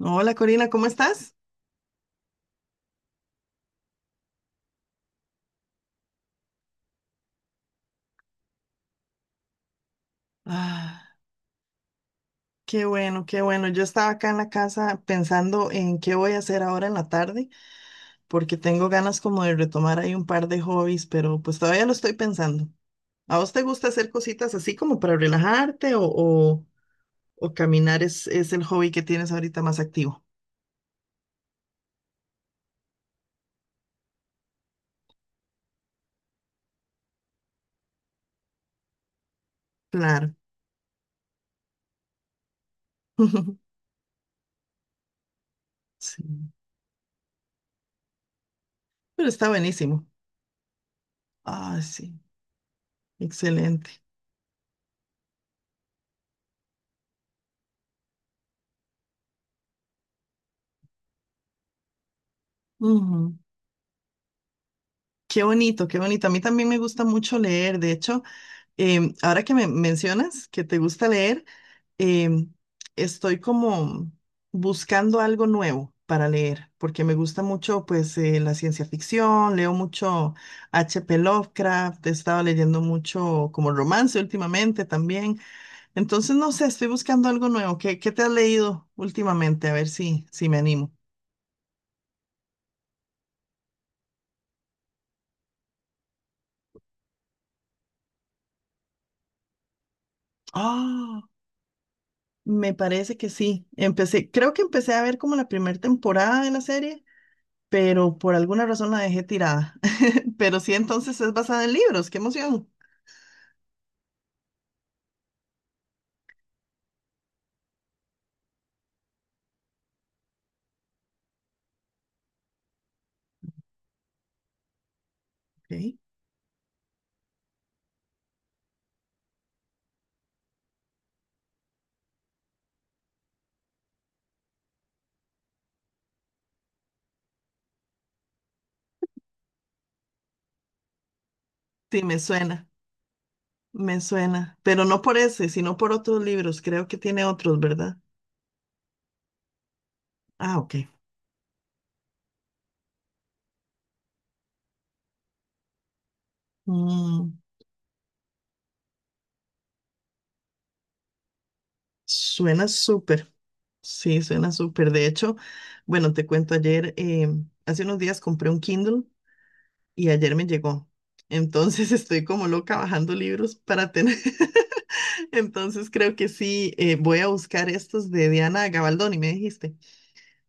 Hola Corina, ¿cómo estás? Ah, qué bueno, qué bueno. Yo estaba acá en la casa pensando en qué voy a hacer ahora en la tarde, porque tengo ganas como de retomar ahí un par de hobbies, pero pues todavía lo estoy pensando. ¿A vos te gusta hacer cositas así como para relajarte o caminar es el hobby que tienes ahorita más activo? Claro. Sí, pero está buenísimo. Ah, sí, excelente. Ujú. Qué bonito, qué bonito. A mí también me gusta mucho leer. De hecho, ahora que me mencionas que te gusta leer, em, estoy como buscando algo nuevo para leer, porque me gusta mucho pues la ciencia ficción, leo mucho H. P. Lovecraft, he estado leyendo mucho como romance últimamente también. Entonces, no sé, estoy buscando algo nuevo. Qué te has leído últimamente? A ver si me animo. Ah, me parece que sí. Empecé, creo que empecé a ver como la primera temporada de la serie, pero por alguna razón la dejé tirada. Pero sí, entonces es basada en libros, qué emoción. Ok. Sí, me suena, pero no por ese, sino por otros libros, creo que tiene otros, ¿verdad? Ah, ok. Mm, suena súper, sí, suena súper. De hecho, bueno, te cuento ayer, hace unos días compré un Kindle y ayer me llegó. Entonces estoy como loca bajando libros para tener. Entonces creo que sí, voy a buscar estos de Diana Gabaldón y me dijiste.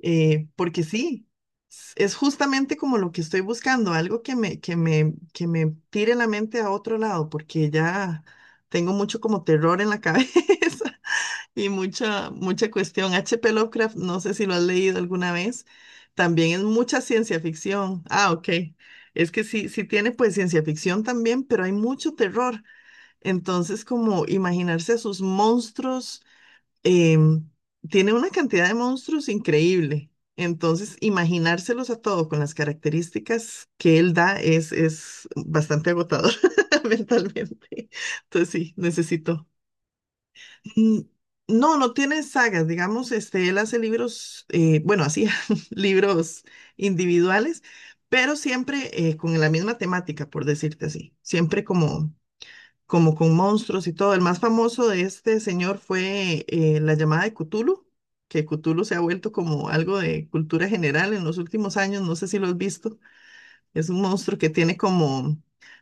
Eh, porque sí, es justamente como lo que estoy buscando, algo que me, que me tire la mente a otro lado, porque ya tengo mucho como terror en la cabeza y mucha cuestión. H. P. Lovecraft, no sé si lo has leído alguna vez, también es mucha ciencia ficción. Ah, ok. Es que sí, sí tiene pues ciencia ficción también, pero hay mucho terror. Entonces, como imaginarse a sus monstruos em, tiene una cantidad de monstruos increíble. Entonces, imaginárselos a todos con las características que él da es bastante agotador mentalmente. Entonces, sí, necesito. Mm, no, no tiene sagas, digamos, este, él hace libros, bueno, hacía libros individuales, pero siempre con la misma temática, por decirte así, siempre como con monstruos y todo. El más famoso de este señor fue la llamada de Cthulhu, que Cthulhu se ha vuelto como algo de cultura general en los últimos años, no sé si lo has visto. Es un monstruo que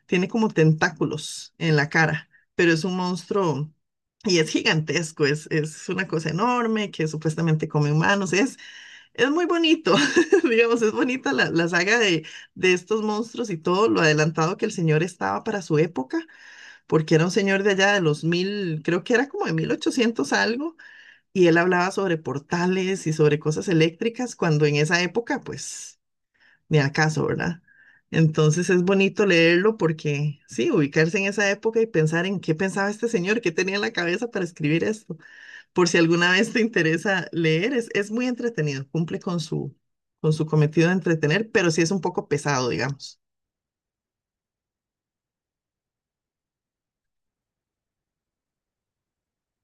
tiene como tentáculos en la cara, pero es un monstruo y es gigantesco, es una cosa enorme que supuestamente come humanos. Es muy bonito, digamos, es bonita la saga de estos monstruos y todo lo adelantado que el señor estaba para su época porque era un señor de allá de los mil, creo que era como de 1800 algo, y él hablaba sobre portales y sobre cosas eléctricas, cuando en esa época, pues, ni acaso, ¿verdad? Entonces es bonito leerlo porque, sí, ubicarse en esa época y pensar en qué pensaba este señor, qué tenía en la cabeza para escribir esto. Por si alguna vez te interesa leer, es muy entretenido, cumple con su cometido de entretener, pero sí es un poco pesado, digamos.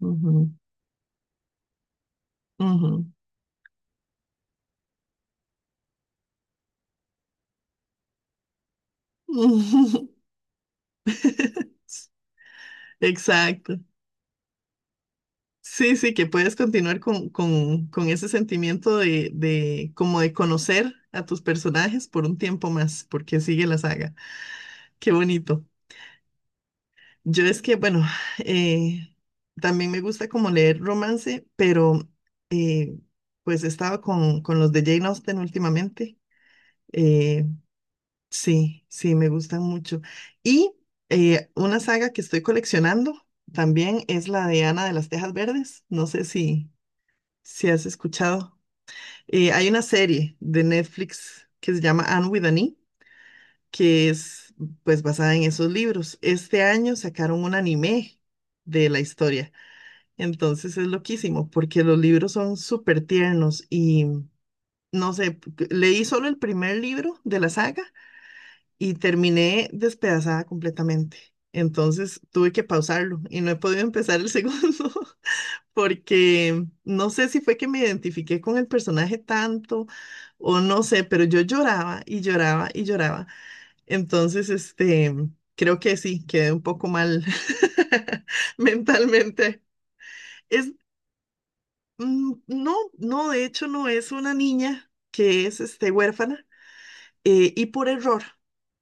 Ujú, ujú. Exacto. Sí, sí, que puedes continuar con ese sentimiento de como de conocer a tus personajes por un tiempo más, porque sigue la saga. Qué bonito. Yo es que, bueno, eh, también me gusta como leer romance, pero eh, pues he estado con los de Jane Austen últimamente. Eh, sí, sí, me gustan mucho. Y una saga que estoy coleccionando también es la de Ana de las Tejas Verdes. No sé si, si has escuchado. Hay una serie de Netflix que se llama Anne with an E, que es pues basada en esos libros. Este año sacaron un anime de la historia. Entonces es loquísimo porque los libros son súper tiernos y no sé, leí solo el primer libro de la saga y terminé despedazada completamente. Entonces tuve que pausarlo y no he podido empezar el segundo porque no sé si fue que me identifiqué con el personaje tanto o no sé, pero yo lloraba y lloraba y lloraba. Entonces, este, creo que sí, quedé un poco mal mentalmente. Es, mm, no, no, de hecho no, es una niña que es, este, huérfana y por error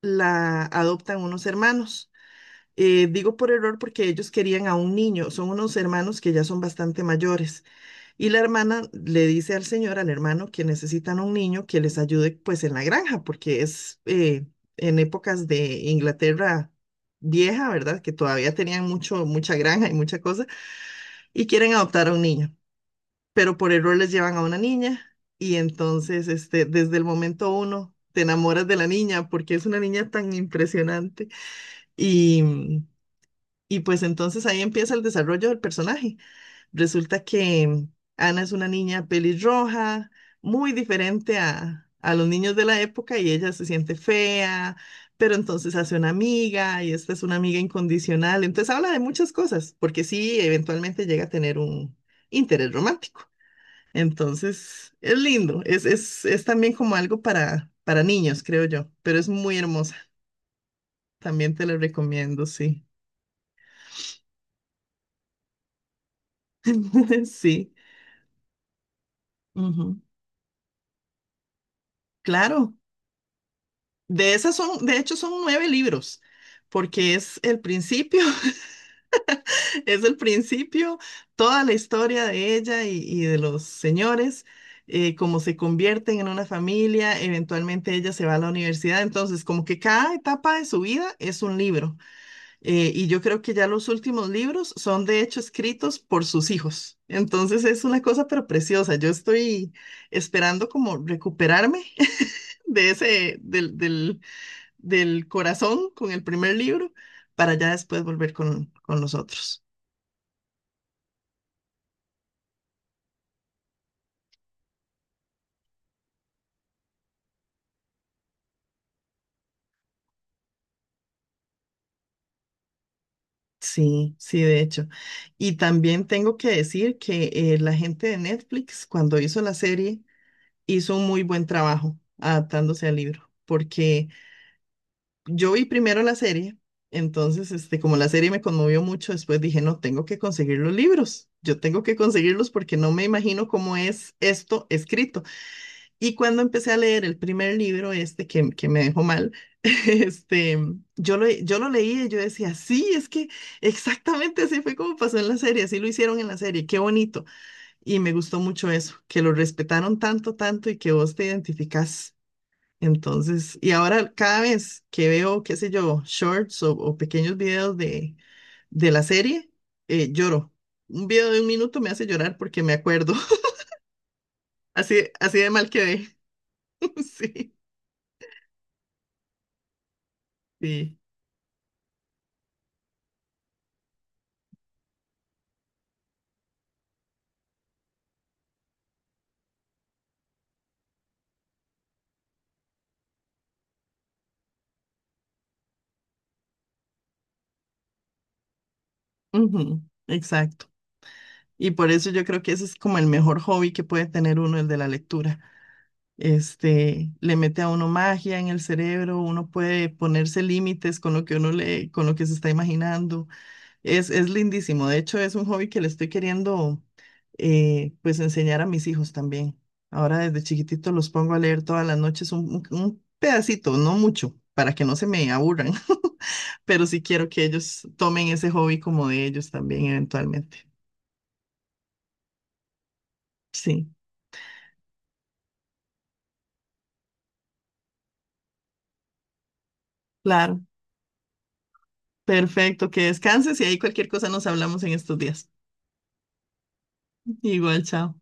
la adoptan unos hermanos. Digo por error porque ellos querían a un niño, son unos hermanos que ya son bastante mayores. Y la hermana le dice al señor, al hermano, que necesitan un niño que les ayude pues en la granja, porque es en épocas de Inglaterra vieja, ¿verdad? Que todavía tenían mucho, mucha granja y mucha cosa, y quieren adoptar a un niño, pero por error les llevan a una niña y entonces este, desde el momento uno te enamoras de la niña porque es una niña tan impresionante y, y pues entonces ahí empieza el desarrollo del personaje. Resulta que Ana es una niña pelirroja, muy diferente a los niños de la época y ella se siente fea, pero entonces hace una amiga y esta es una amiga incondicional. Entonces habla de muchas cosas, porque sí, eventualmente llega a tener un interés romántico. Entonces es lindo, es también como algo para niños, creo yo, pero es muy hermosa. También te la recomiendo, sí. Sí, ujú. Claro. De esas son, de hecho, son 9 libros, porque es el principio, es el principio, toda la historia de ella y de los señores, cómo se convierten en una familia, eventualmente ella se va a la universidad, entonces como que cada etapa de su vida es un libro. Eh, y yo creo que ya los últimos libros son de hecho escritos por sus hijos. Entonces es una cosa pero preciosa. Yo estoy esperando como recuperarme de ese, del, del del corazón con el primer libro para ya después volver con los otros. Sí, sí, de hecho. Y también tengo que decir que la gente de Netflix, cuando hizo la serie, hizo un muy buen trabajo adaptándose al libro, porque yo vi primero la serie, entonces, este, como la serie me conmovió mucho, después dije, no, tengo que conseguir los libros, yo tengo que conseguirlos porque no me imagino cómo es esto escrito. Y cuando empecé a leer el primer libro, este que me dejó mal, este, yo lo leí y yo decía, sí, es que exactamente así fue como pasó en la serie, así lo hicieron en la serie, qué bonito. Y me gustó mucho eso, que lo respetaron tanto, tanto y que vos te identificás. Entonces, y ahora cada vez que veo, qué sé yo, shorts o pequeños videos de la serie, lloro. Un video de 1 minuto me hace llorar porque me acuerdo, así, así de mal quedé. Sí. Sí. Ujú, exacto. Y por eso yo creo que ese es como el mejor hobby que puede tener uno, el de la lectura. Este, le mete a uno magia en el cerebro, uno puede ponerse límites con lo que uno lee, con lo que se está imaginando. Es lindísimo. De hecho, es un hobby que le estoy queriendo pues enseñar a mis hijos también. Ahora desde chiquitito los pongo a leer todas las noches un, un pedacito, no mucho, para que no se me aburran, pero sí quiero que ellos tomen ese hobby como de ellos también eventualmente. Sí, claro. Perfecto, que descanses y ahí cualquier cosa nos hablamos en estos días. Igual, chao.